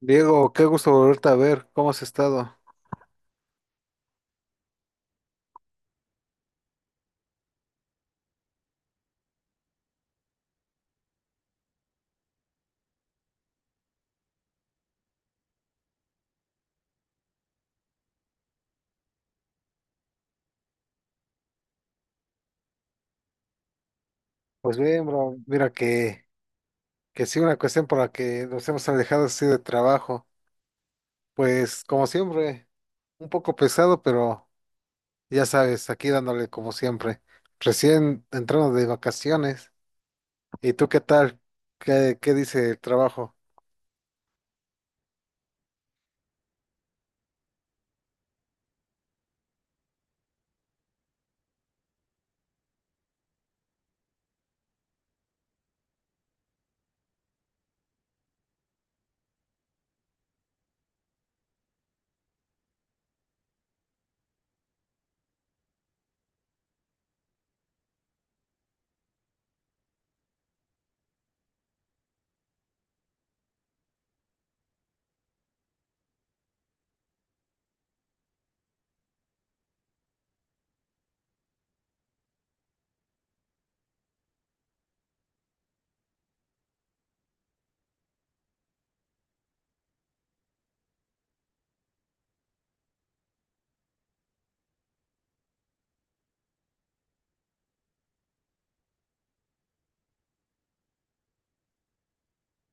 Diego, qué gusto volverte a ver, ¿cómo has estado? Pues bien, bro, mira que sí, una cuestión por la que nos hemos alejado así de trabajo, pues como siempre, un poco pesado, pero ya sabes, aquí dándole como siempre, recién entrando de vacaciones, ¿y tú qué tal? ¿Qué dice el trabajo?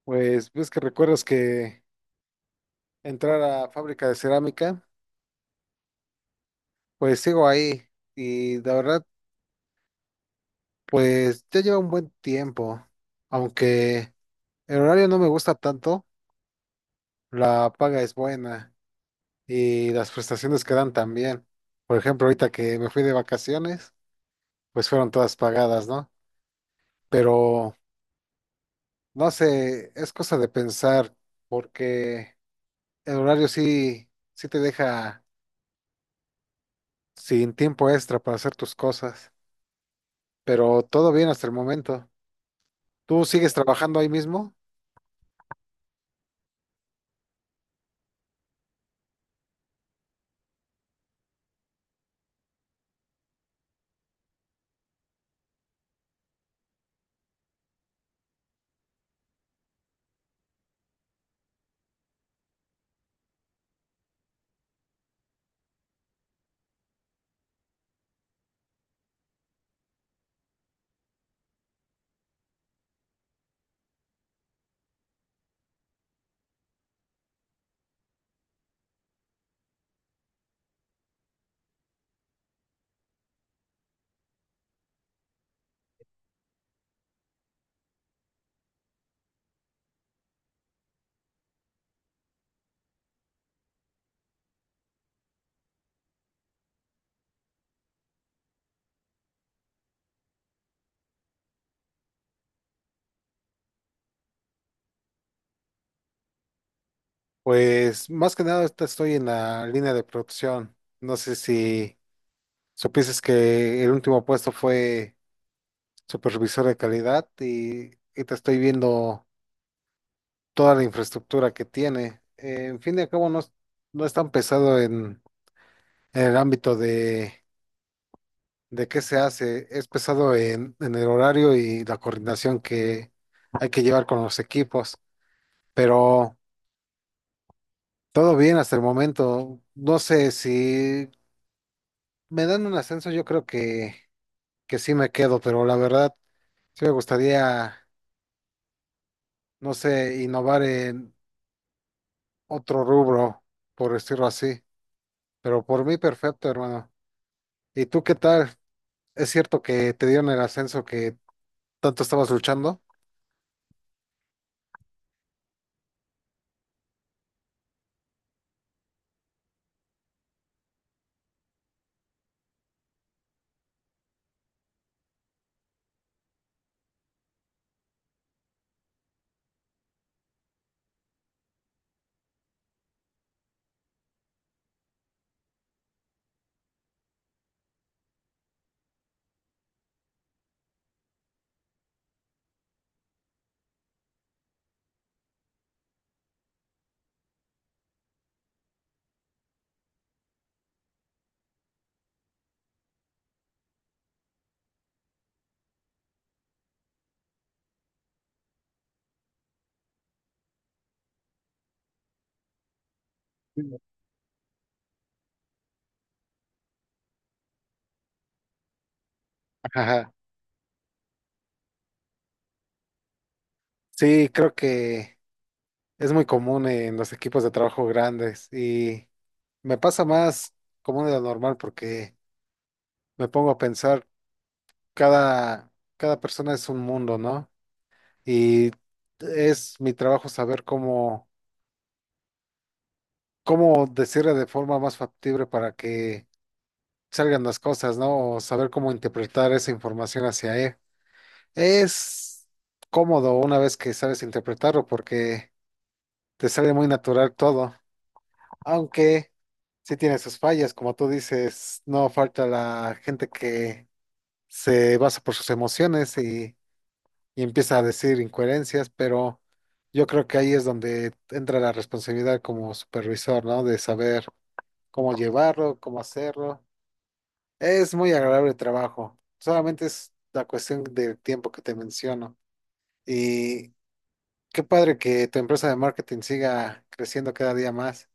Pues ves que recuerdas que entrar a fábrica de cerámica, pues sigo ahí, y la verdad, pues ya lleva un buen tiempo, aunque... el horario no me gusta tanto, la paga es buena y las prestaciones que dan también. Por ejemplo, ahorita que me fui de vacaciones, pues fueron todas pagadas, ¿no? Pero no sé, es cosa de pensar porque el horario sí te deja sin tiempo extra para hacer tus cosas, pero todo bien hasta el momento. ¿Tú sigues trabajando ahí mismo? Pues más que nada ahorita estoy en la línea de producción. No sé si supieses que el último puesto fue supervisor de calidad y te estoy viendo toda la infraestructura que tiene. En fin y al cabo, no, no es tan pesado en el ámbito de qué se hace, es pesado en el horario y la coordinación que hay que llevar con los equipos, pero todo bien hasta el momento. No sé si me dan un ascenso, yo creo que sí me quedo, pero la verdad, sí me gustaría, no sé, innovar en otro rubro, por decirlo así. Pero por mí perfecto, hermano. ¿Y tú qué tal? ¿Es cierto que te dieron el ascenso que tanto estabas luchando? Sí, ajá. Sí, creo que es muy común en los equipos de trabajo grandes y me pasa más común de lo normal porque me pongo a pensar, cada, cada persona es un mundo, ¿no? Y es mi trabajo saber cómo decirle de forma más factible para que salgan las cosas, ¿no? O saber cómo interpretar esa información hacia él. Es cómodo una vez que sabes interpretarlo porque te sale muy natural todo, aunque sí tiene sus fallas, como tú dices, no falta la gente que se basa por sus emociones y empieza a decir incoherencias, pero yo creo que ahí es donde entra la responsabilidad como supervisor, ¿no? De saber cómo llevarlo, cómo hacerlo. Es muy agradable el trabajo, solamente es la cuestión del tiempo que te menciono. Y qué padre que tu empresa de marketing siga creciendo cada día más.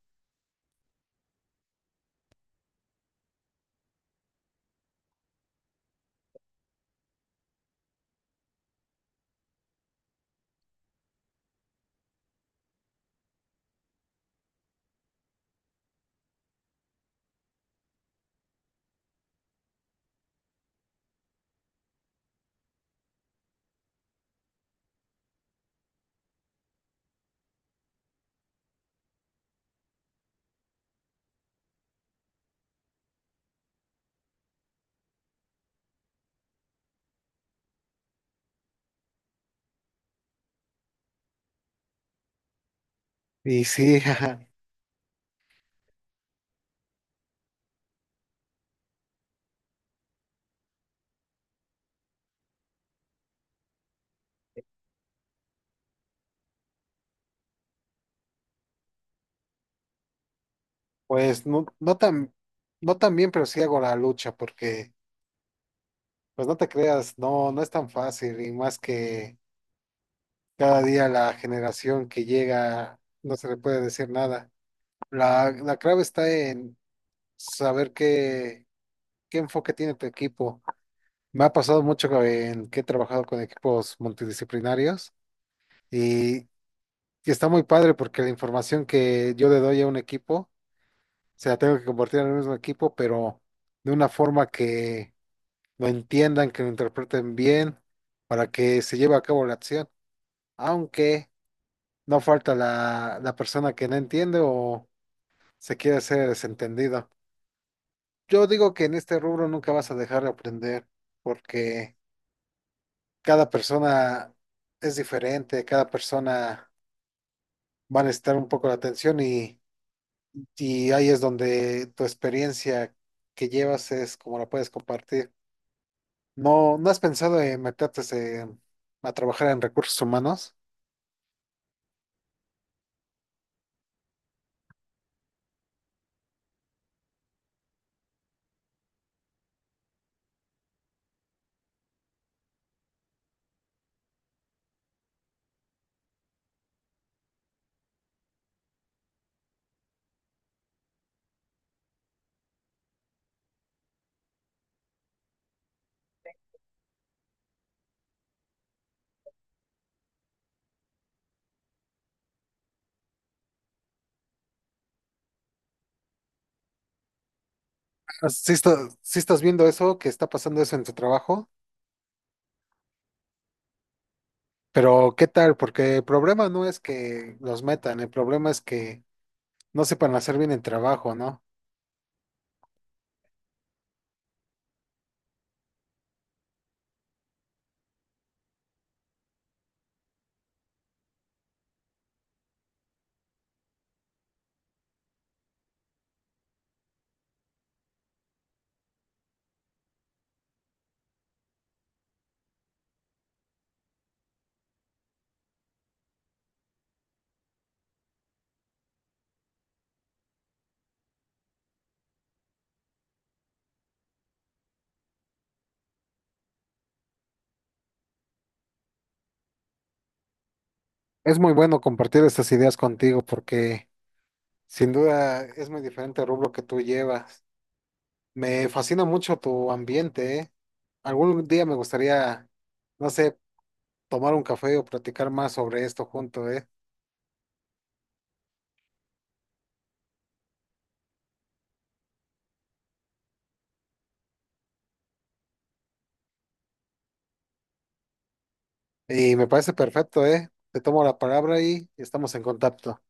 Y sí, ajá, pues no tan bien, pero sí hago la lucha porque, pues no te creas, no, no es tan fácil y más que cada día la generación que llega no se le puede decir nada. La clave está en saber qué enfoque tiene tu equipo. Me ha pasado mucho en que he trabajado con equipos multidisciplinarios y y está muy padre porque la información que yo le doy a un equipo se sea, tengo que compartir en el mismo equipo, pero de una forma que lo entiendan, que lo interpreten bien, para que se lleve a cabo la acción. Aunque no falta la persona que no entiende o se quiere hacer desentendido. Yo digo que en este rubro nunca vas a dejar de aprender, porque cada persona es diferente, cada persona va a necesitar un poco la atención y ahí es donde tu experiencia que llevas es como la puedes compartir. No, ¿no has pensado en meterte eh, a trabajar en recursos humanos? Si estás, sí estás viendo eso, que está pasando eso en tu trabajo, pero ¿qué tal? Porque el problema no es que los metan, el problema es que no sepan hacer bien el trabajo, ¿no? Es muy bueno compartir estas ideas contigo porque sin duda es muy diferente el rubro que tú llevas. Me fascina mucho tu ambiente, ¿eh? Algún día me gustaría, no sé, tomar un café o platicar más sobre esto juntos. Y me parece perfecto, ¿eh? Te tomo la palabra y estamos en contacto.